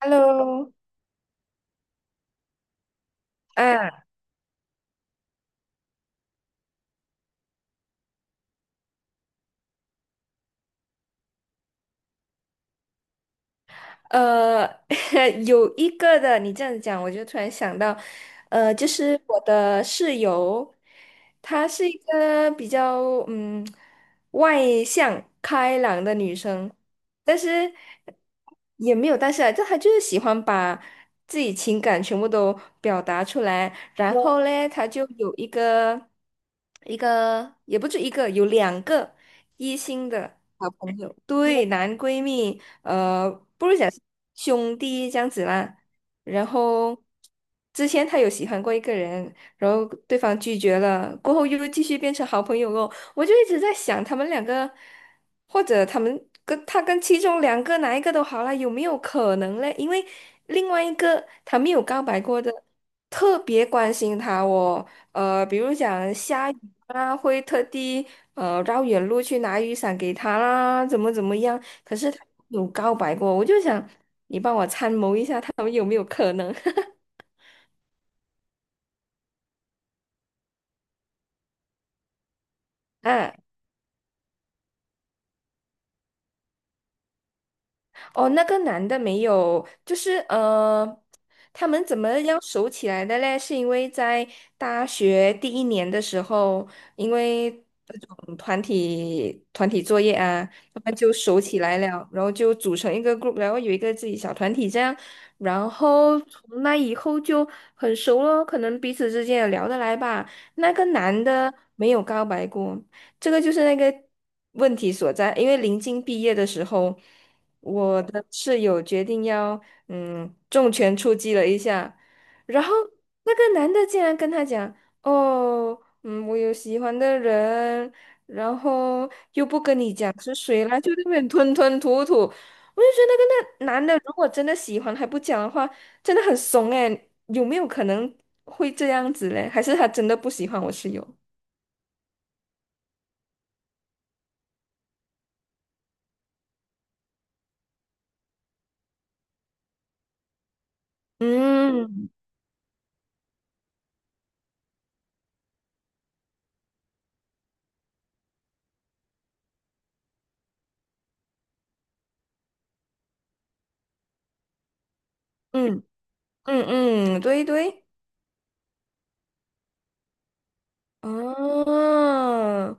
Hello，啊，呃，有一个的，你这样讲，我就突然想到，就是我的室友，她是一个比较嗯外向开朗的女生，但是也没有但是啊，就她就是喜欢把自己情感全部都表达出来，然后嘞，她就有一个也不止一个，有两个一心的。好朋友，对，男闺蜜，不如讲兄弟这样子啦。然后之前他有喜欢过一个人，然后对方拒绝了，过后又继续变成好朋友哦。我就一直在想，他们两个，或者他们跟他跟其中两个哪一个都好啦，有没有可能嘞？因为另外一个他没有告白过的，特别关心他哦。比如讲下雨啦，会特地绕远路去拿雨伞给他啦，怎么怎么样？可是他有告白过，我就想你帮我参谋一下，他们有没有可能？啊。哦，那个男的没有，就是他们怎么样熟起来的嘞？是因为在大学第一年的时候，因为那种团体作业啊，他们就熟起来了，然后就组成一个 group，然后有一个自己小团体这样，然后从那以后就很熟了，可能彼此之间也聊得来吧。那个男的没有告白过，这个就是那个问题所在，因为临近毕业的时候。我的室友决定要重拳出击了一下，然后那个男的竟然跟他讲：“哦，嗯，我有喜欢的人，然后又不跟你讲是谁啦，就在那边吞吞吐吐。”我就觉得那男的如果真的喜欢还不讲的话，真的很怂诶，有没有可能会这样子嘞？还是他真的不喜欢我室友？嗯嗯嗯嗯，对对，哦，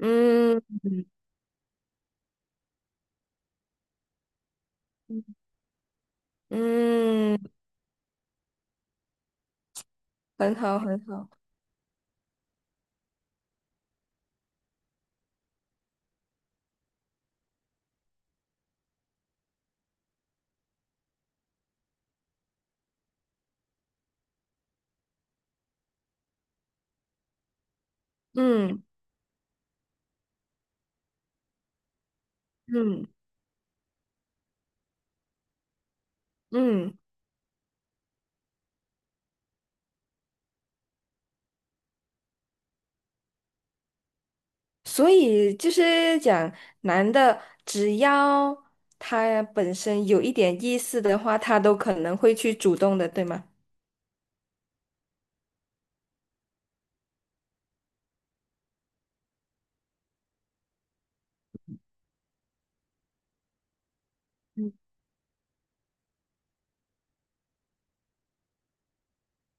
嗯。嗯，很好，很好。嗯嗯嗯，所以就是讲，男的只要他本身有一点意思的话，他都可能会去主动的，对吗？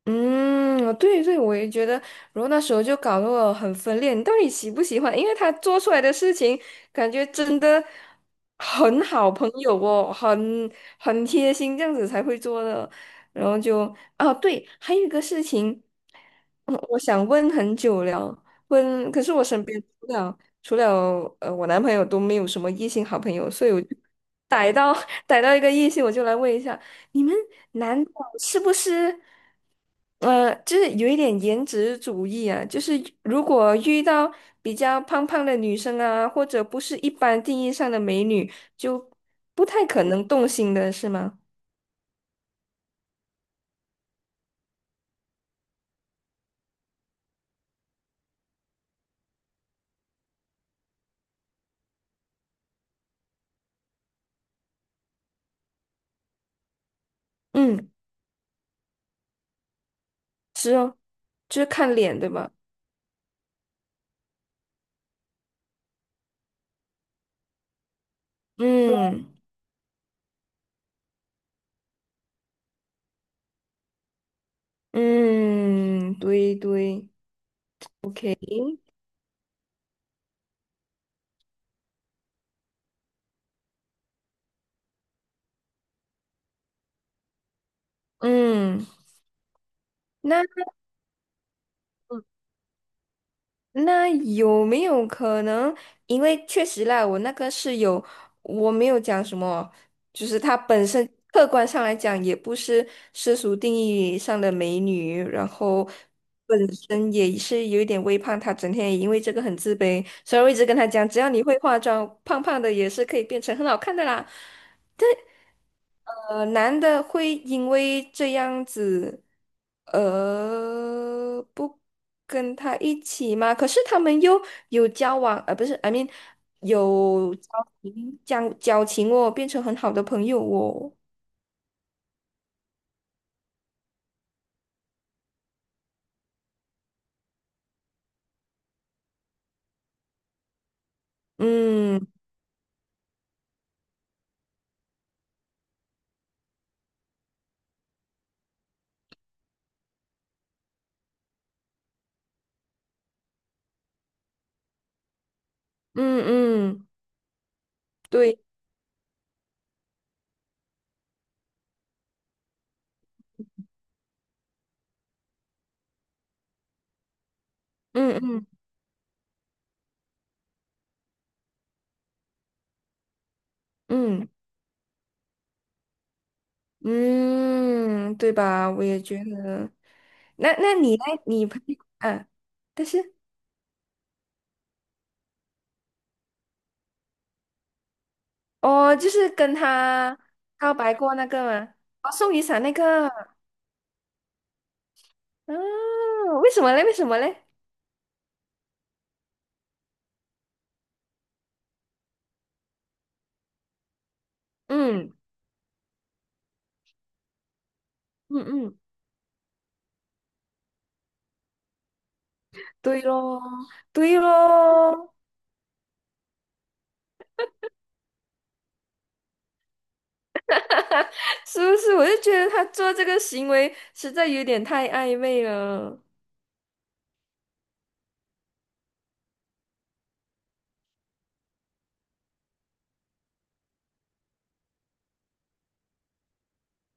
嗯，对对，我也觉得，然后那时候就搞得我很分裂，你到底喜不喜欢？因为他做出来的事情，感觉真的很好朋友哦，很贴心，这样子才会做的。然后就，啊，对，还有一个事情，我想问很久了，问，可是我身边除了我男朋友都没有什么异性好朋友，所以我就逮到 逮到一个异性，我就来问一下。你们男的是不是，就是有一点颜值主义啊？就是如果遇到比较胖胖的女生啊，或者不是一般定义上的美女，就不太可能动心的是吗？嗯，是哦，就是看脸，对吧？嗯嗯，对对，嗯，那。那有没有可能？因为确实啦，我那个室友，我没有讲什么，就是她本身客观上来讲，也不是世俗定义上的美女，然后本身也是有一点微胖，她整天也因为这个很自卑，所以我一直跟她讲，只要你会化妆，胖胖的也是可以变成很好看的啦。男的会因为这样子，不跟他一起吗？可是他们又有交往，不是，I mean，有交情，交情哦，变成很好的朋友哦。嗯嗯嗯，对，嗯嗯嗯嗯，对吧？我也觉得。那你呢？你朋友啊，但是。哦，就是跟他告白过那个吗？哦，送雨伞那个。嗯，为什么嘞？为什么嘞？嗯嗯嗯，对咯，对咯，是不是？我就觉得他做这个行为实在有点太暧昧了。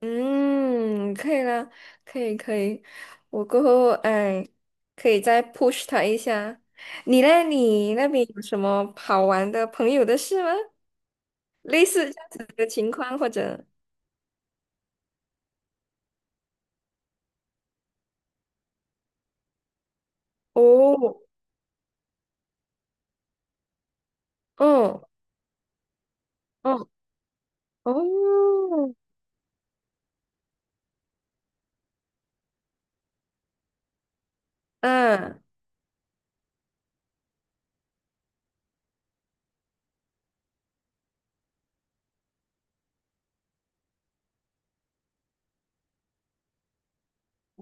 嗯，可以了，可以可以，我过后哎，可以再 push 他一下。你嘞？你那边有什么好玩的朋友的事吗？类似这样子的情况或者？哦。哦哦哦，嗯，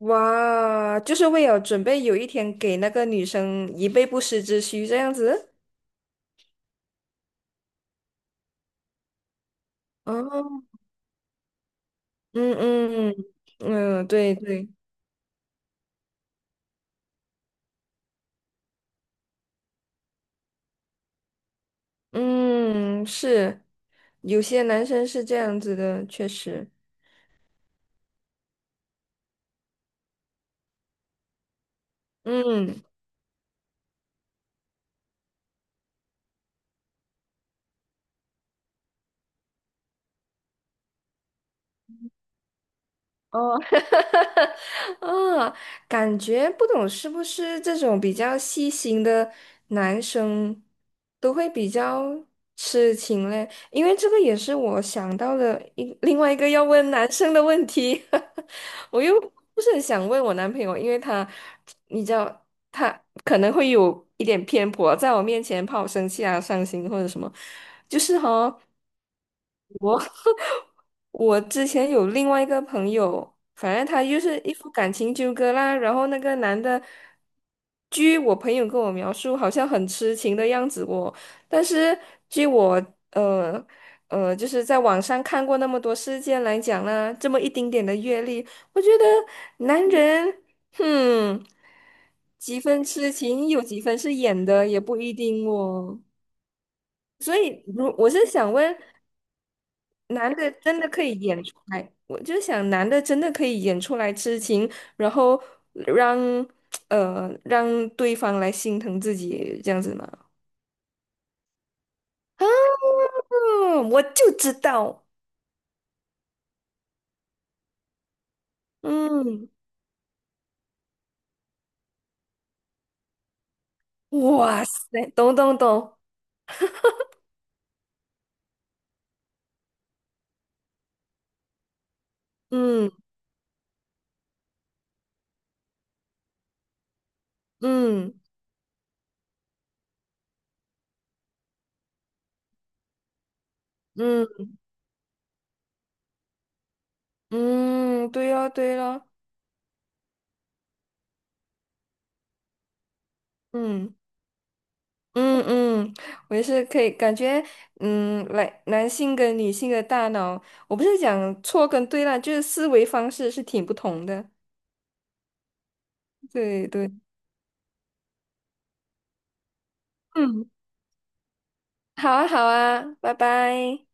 哇，就是为了准备有一天给那个女生以备不时之需这样子。哦，嗯嗯嗯，对对，嗯，是，有些男生是这样子的，确实，嗯。哦，啊，感觉不懂是不是这种比较细心的男生都会比较痴情嘞？因为这个也是我想到的另外一个要问男生的问题，我又不是很想问我男朋友，因为他你知道可能会有一点偏颇，在我面前怕我生气啊、伤心或者什么，就是哈。我之前有另外一个朋友，反正他就是一副感情纠葛啦，然后那个男的，据我朋友跟我描述，好像很痴情的样子哦。但是据我呃就是在网上看过那么多事件来讲呢，这么一丁点的阅历，我觉得男人，哼，几分痴情有几分是演的，也不一定哦。所以，如我是想问，男的真的可以演出来，我就想男的真的可以演出来痴情，然后让让对方来心疼自己这样子吗？啊，我就知道，嗯，哇塞，懂懂懂，嗯嗯嗯嗯，对哦对哦，嗯嗯嗯，我也是可以感觉，嗯，来男性跟女性的大脑，我不是讲错跟对啦，就是思维方式是挺不同的。对对，嗯，好啊好啊，拜拜。